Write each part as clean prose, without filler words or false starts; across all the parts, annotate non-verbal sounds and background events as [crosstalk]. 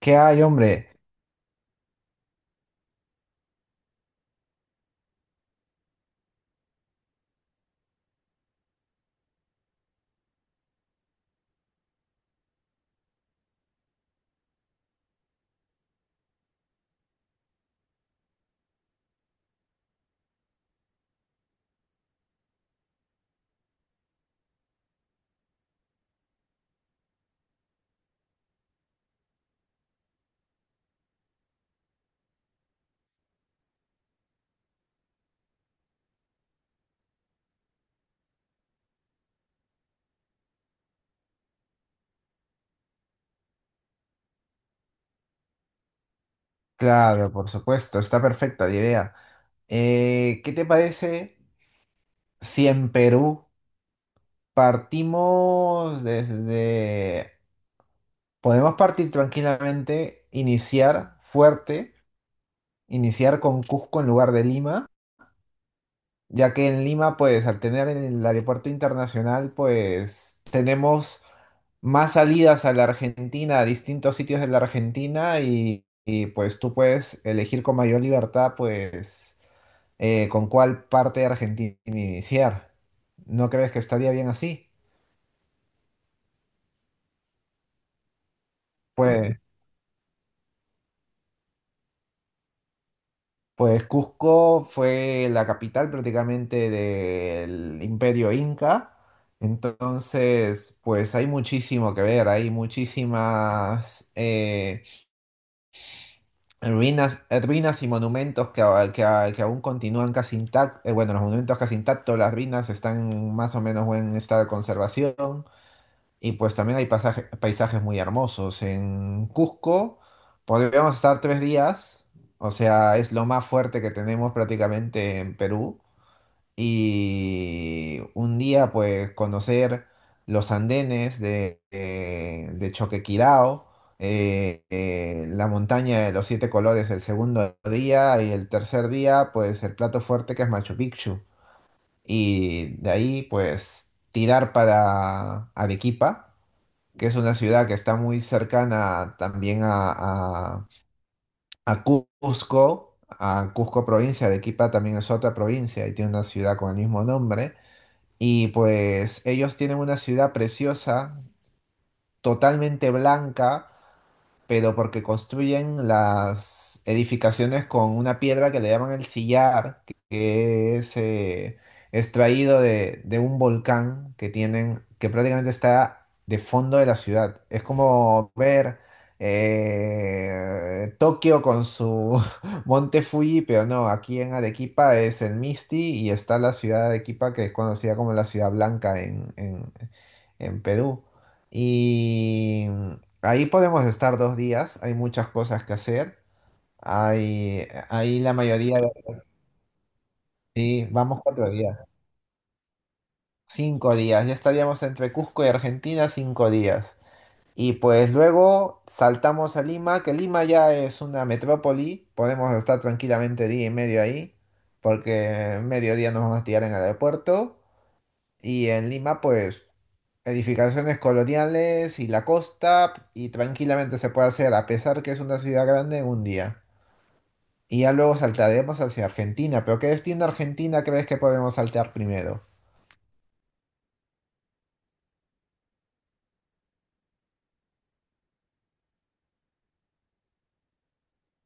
¿Qué hay, hombre? Claro, por supuesto, está perfecta la idea. ¿Qué te parece si en Perú partimos desde. Podemos partir tranquilamente, iniciar fuerte, iniciar con Cusco en lugar de Lima, ya que en Lima, pues al tener el aeropuerto internacional, pues tenemos más salidas a la Argentina, a distintos sitios de la Argentina y, pues tú puedes elegir con mayor libertad, pues con cuál parte de Argentina iniciar. ¿No crees que estaría bien así? Pues, pues, Cusco fue la capital prácticamente del Imperio Inca. Entonces, pues hay muchísimo que ver, hay muchísimas ruinas y monumentos que aún continúan casi intactos, bueno, los monumentos casi intactos, las ruinas están en más o menos buen estado de conservación. Y pues también hay paisajes muy hermosos. En Cusco podríamos estar 3 días, o sea, es lo más fuerte que tenemos prácticamente en Perú. Y un día pues conocer los andenes de Choquequirao, la montaña de los siete colores el segundo día y el tercer día pues el plato fuerte que es Machu Picchu. Y de ahí pues tirar para Arequipa que es una ciudad que está muy cercana también a- a Cusco, a Cusco provincia. Arequipa también es otra provincia y tiene una ciudad con el mismo nombre. Y pues ellos tienen una ciudad preciosa, totalmente blanca, pero porque construyen las edificaciones con una piedra que le llaman el sillar, que es extraído de un volcán que tienen, que prácticamente está de fondo de la ciudad. Es como ver Tokio con su [laughs] Monte Fuji, pero no, aquí en Arequipa es el Misti y está la ciudad de Arequipa, que es conocida como la Ciudad Blanca en Perú. Y, Ahí podemos estar 2 días, hay muchas cosas que hacer. Hay, ahí la mayoría, sí, vamos 4 días, 5 días. Ya estaríamos entre Cusco y Argentina, 5 días. Y pues luego saltamos a Lima, que Lima ya es una metrópoli, podemos estar tranquilamente día y medio ahí, porque mediodía nos vamos a tirar en el aeropuerto. Y en Lima, pues, edificaciones coloniales y la costa, y tranquilamente se puede hacer, a pesar que es una ciudad grande, en un día. Y ya luego saltaremos hacia Argentina. Pero ¿qué destino de Argentina crees que podemos saltar primero?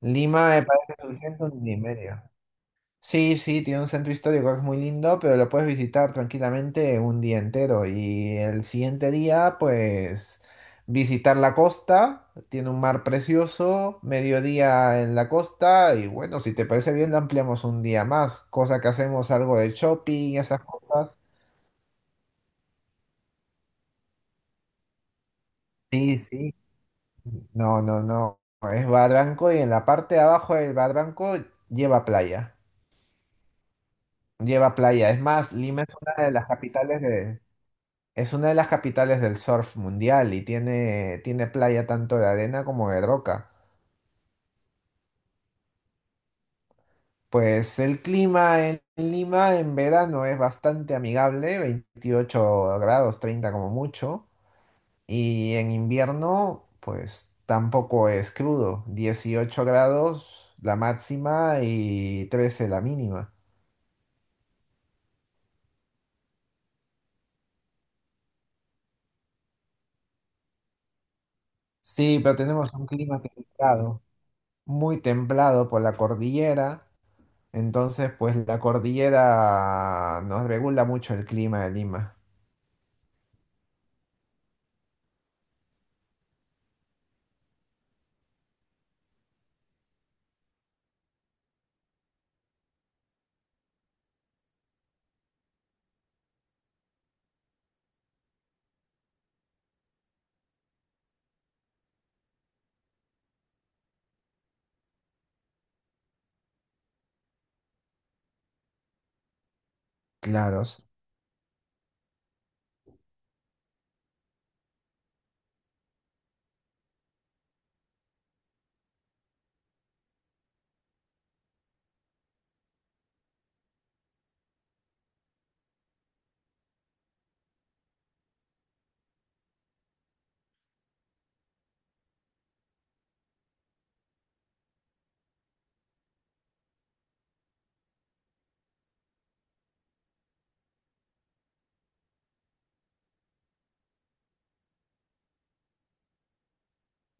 Lima me parece urgente un día y medio. Sí, sí, tiene un centro histórico que es muy lindo, pero lo puedes visitar tranquilamente un día entero. Y el siguiente día, pues, visitar la costa. Tiene un mar precioso, mediodía en la costa. Y bueno, si te parece bien, lo ampliamos un día más. Cosa que hacemos algo de shopping y esas cosas. Sí, sí. No, no, no. Es Barranco y en la parte de abajo del Barranco lleva playa. Lleva playa. Es más, Lima es una de las capitales de, es una de las capitales del surf mundial y tiene, tiene playa tanto de arena como de roca. Pues el clima en Lima en verano es bastante amigable, 28 grados, 30 como mucho. Y en invierno, pues tampoco es crudo, 18 grados la máxima y 13 la mínima. Sí, pero tenemos un clima templado, muy templado por la cordillera, entonces pues la cordillera nos regula mucho el clima de Lima. Claros.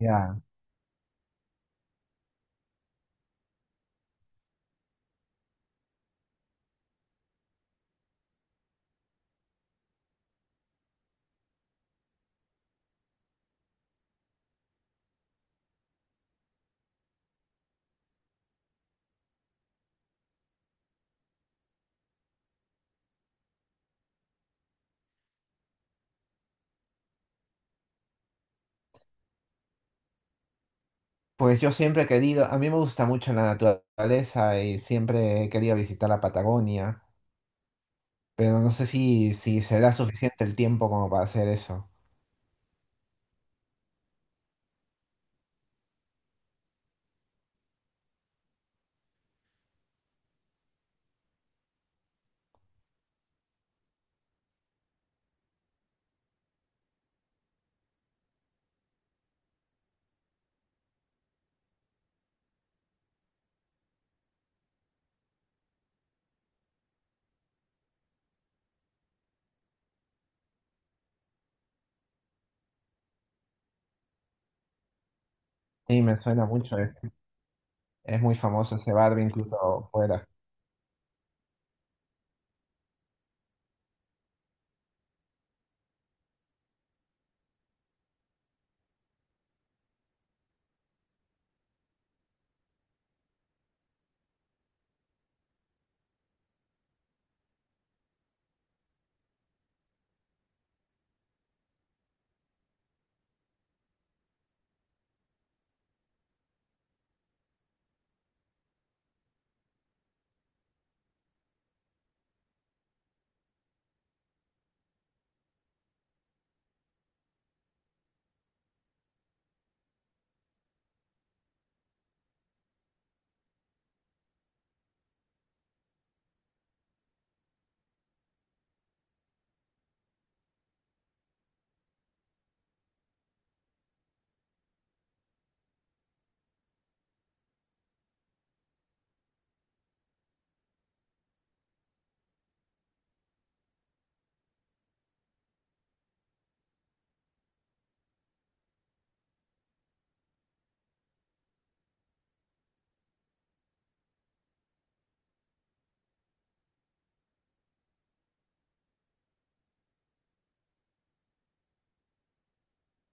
Ya. Pues yo siempre he querido, a mí me gusta mucho la naturaleza y siempre he querido visitar la Patagonia, pero no sé si será suficiente el tiempo como para hacer eso. Sí, me suena mucho. Es muy famoso ese barrio incluso fuera.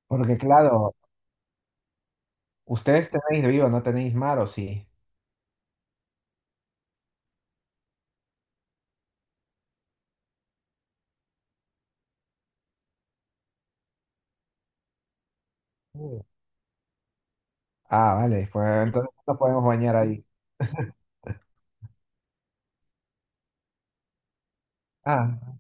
Porque claro, ustedes tenéis río, no tenéis mar, ¿o sí? Ah, vale, pues entonces nos podemos bañar ahí. [laughs] Ah,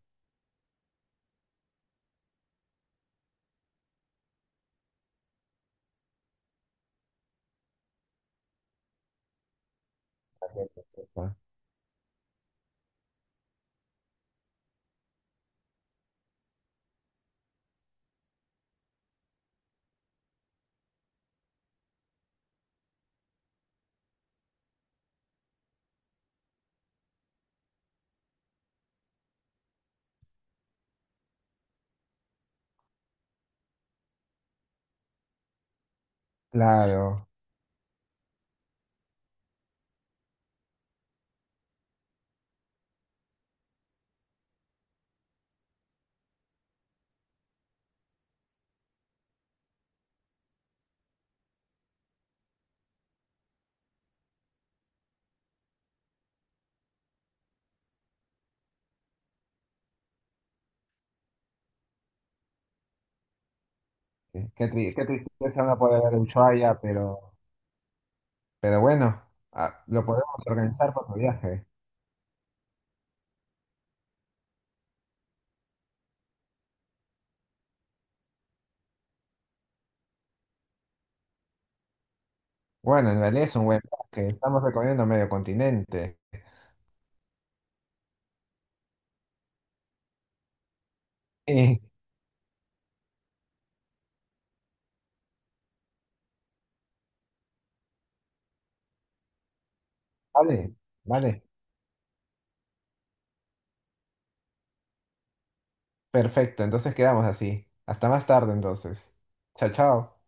ok, perfecto. Claro. Qué tristeza no poder ver Ushuaia, pero bueno, ah, lo podemos organizar para tu viaje. Bueno, en realidad es un buen viaje. Estamos recorriendo medio continente. Sí. Vale, vale. Perfecto, entonces quedamos así. Hasta más tarde entonces. Chao, chao.